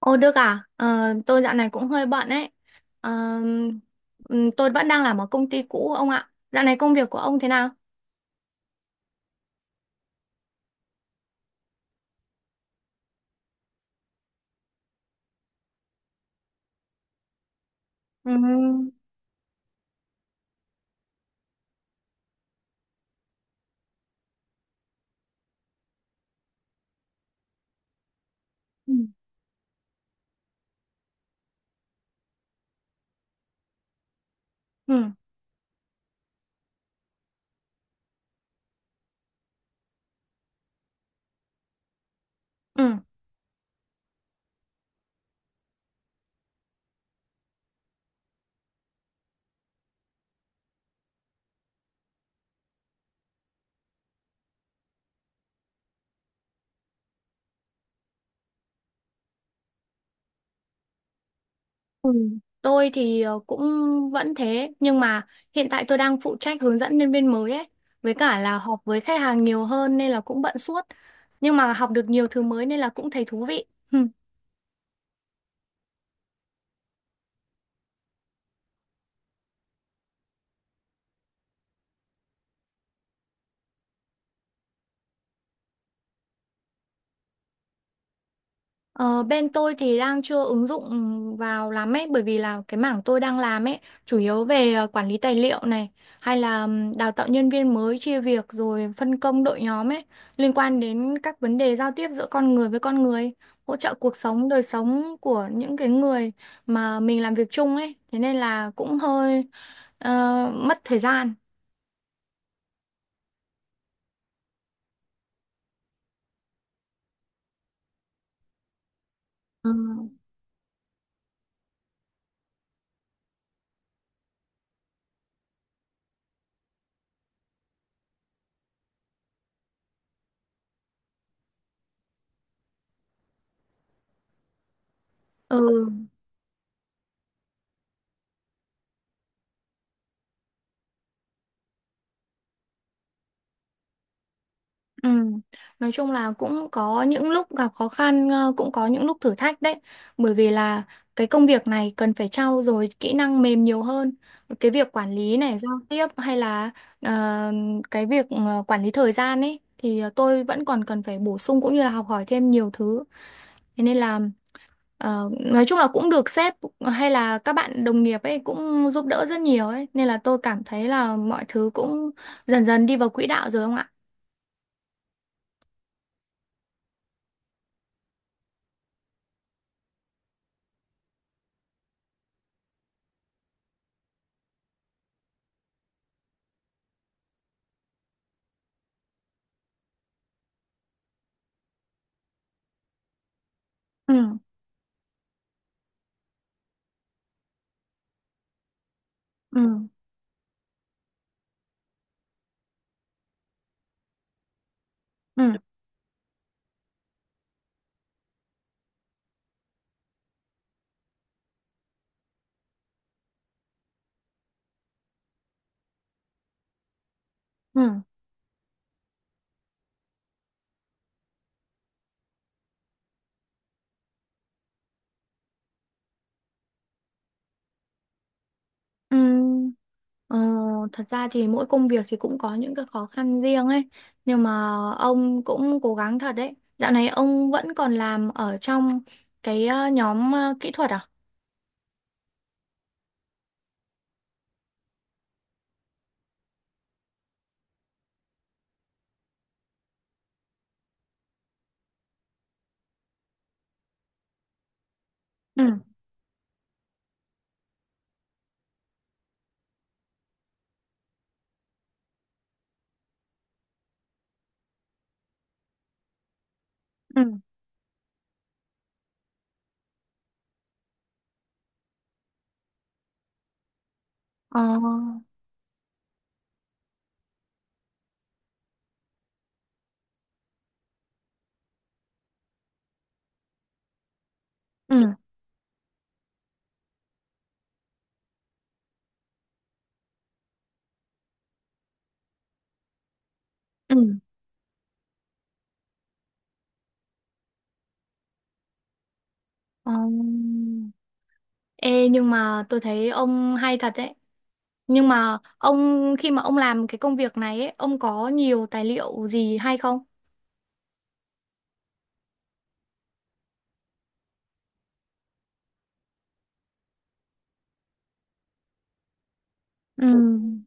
Ô Đức à, tôi dạo này cũng hơi bận ấy. Ờ, tôi vẫn đang làm ở công ty cũ ông ạ. Dạo này công việc của ông thế nào? Ừ. Ừ. Ừ, ừ. Ừ. Tôi thì cũng vẫn thế, nhưng mà hiện tại tôi đang phụ trách hướng dẫn nhân viên mới ấy, với cả là họp với khách hàng nhiều hơn nên là cũng bận suốt. Nhưng mà học được nhiều thứ mới nên là cũng thấy thú vị. Ờ, bên tôi thì đang chưa ứng dụng vào lắm ấy bởi vì là cái mảng tôi đang làm ấy chủ yếu về quản lý tài liệu này hay là đào tạo nhân viên mới chia việc rồi phân công đội nhóm ấy liên quan đến các vấn đề giao tiếp giữa con người với con người hỗ trợ cuộc sống đời sống của những cái người mà mình làm việc chung ấy thế nên là cũng hơi ờ, mất thời gian. Ừ. Ừ. Ừ. Nói chung là cũng có những lúc gặp khó khăn, cũng có những lúc thử thách đấy. Bởi vì là cái công việc này cần phải trau dồi kỹ năng mềm nhiều hơn. Cái việc quản lý này, giao tiếp hay là ờ, cái việc quản lý thời gian ấy thì tôi vẫn còn cần phải bổ sung cũng như là học hỏi thêm nhiều thứ. Thế nên là nói chung là cũng được sếp hay là các bạn đồng nghiệp ấy cũng giúp đỡ rất nhiều ấy. Nên là tôi cảm thấy là mọi thứ cũng dần dần đi vào quỹ đạo rồi không ạ? Ừ. Ừ. Ừ. Ừ. Ừm, ờ, Thật ra thì mỗi công việc thì cũng có những cái khó khăn riêng ấy nhưng mà ông cũng cố gắng thật đấy. Dạo này ông vẫn còn làm ở trong cái nhóm kỹ thuật à? Ừ. Ừ. ờ ừ ừ ờ. Ê, nhưng mà tôi thấy ông hay thật đấy. Nhưng mà ông khi mà ông làm cái công việc này ấy ông có nhiều tài liệu gì hay không? ừ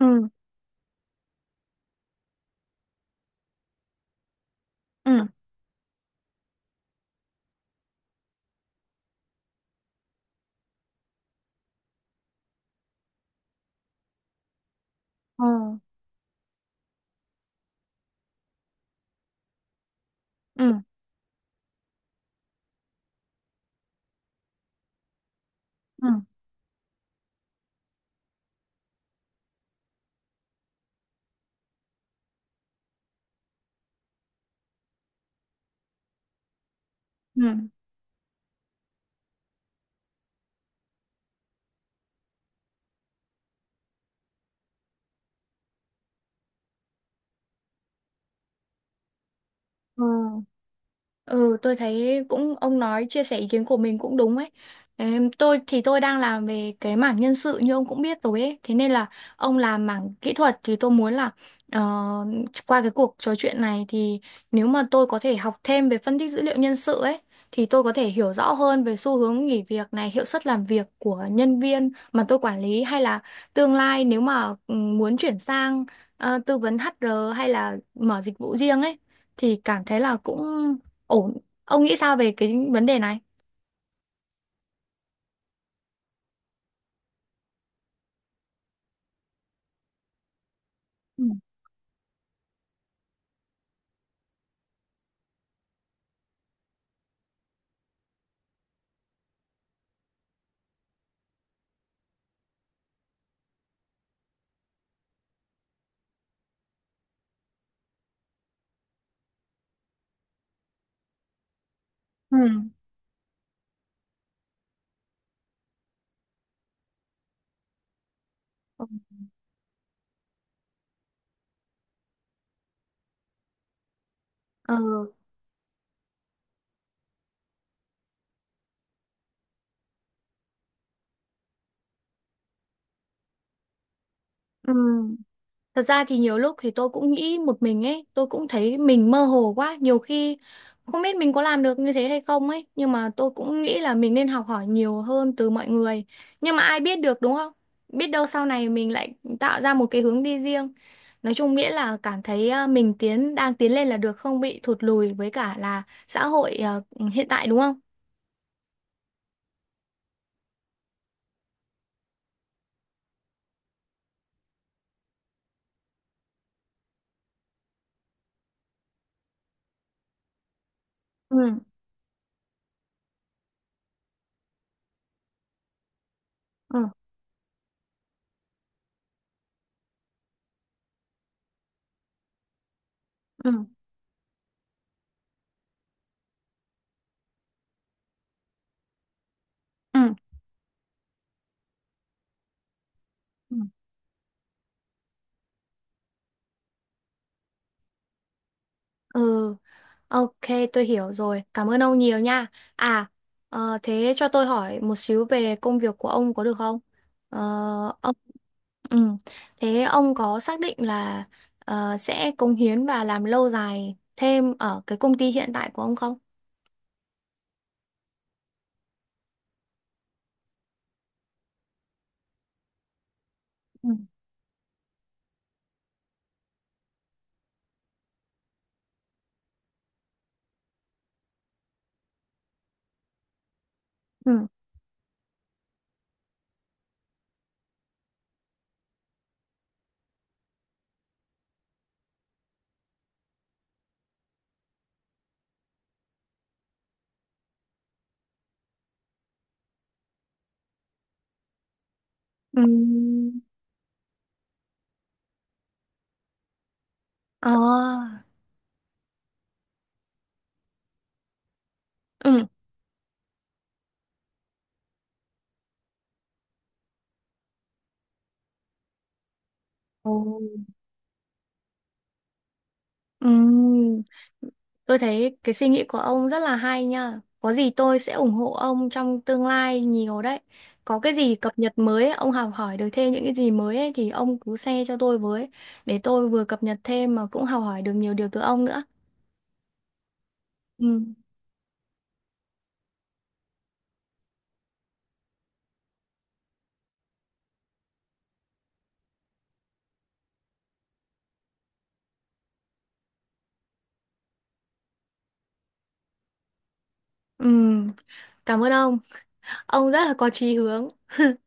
ừ ừ ờ ừ ừ ừ Ừ. Ừ, tôi thấy cũng ông nói chia sẻ ý kiến của mình cũng đúng ấy. Em, tôi thì tôi đang làm về cái mảng nhân sự như ông cũng biết rồi ấy. Thế nên là ông làm mảng kỹ thuật thì tôi muốn là ờ, qua cái cuộc trò chuyện này thì nếu mà tôi có thể học thêm về phân tích dữ liệu nhân sự ấy thì tôi có thể hiểu rõ hơn về xu hướng nghỉ việc này, hiệu suất làm việc của nhân viên mà tôi quản lý, hay là tương lai nếu mà muốn chuyển sang tư vấn HR hay là mở dịch vụ riêng ấy thì cảm thấy là cũng ổn. Ông nghĩ sao về cái vấn đề này? Ừ. Ừ. Ừ. ờ ừ. Thật ra thì nhiều lúc thì tôi cũng nghĩ một mình ấy, tôi cũng thấy mình mơ hồ quá. Nhiều khi không biết mình có làm được như thế hay không ấy nhưng mà tôi cũng nghĩ là mình nên học hỏi nhiều hơn từ mọi người. Nhưng mà ai biết được đúng không, biết đâu sau này mình lại tạo ra một cái hướng đi riêng. Nói chung nghĩa là cảm thấy à, mình tiến đang tiến lên là được, không bị thụt lùi với cả là xã hội à, hiện tại đúng không? Ừ. Ừ. Ừ. Ừ. Ừ, ok, tôi hiểu rồi. Cảm ơn ông nhiều nha. À, Thế cho tôi hỏi một xíu về công việc của ông có được không? Ờ, ông, ừ, Thế ông có xác định là sẽ cống hiến và làm lâu dài thêm ở cái công ty hiện tại của ông không? Ừ. Ừ. Ừ. À, ừ, Ồ. Ừ. Tôi thấy cái suy nghĩ của ông rất là hay nha. Có gì tôi sẽ ủng hộ ông trong tương lai nhiều đấy. Có cái gì cập nhật mới ấy, ông học hỏi được thêm những cái gì mới ấy, thì ông cứ share cho tôi với để tôi vừa cập nhật thêm mà cũng học hỏi được nhiều điều từ ông nữa. Ừ. Ừ. Cảm ơn ông. Ông rất là có chí hướng.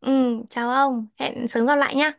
Ừ. Chào ông. Hẹn sớm gặp lại nha.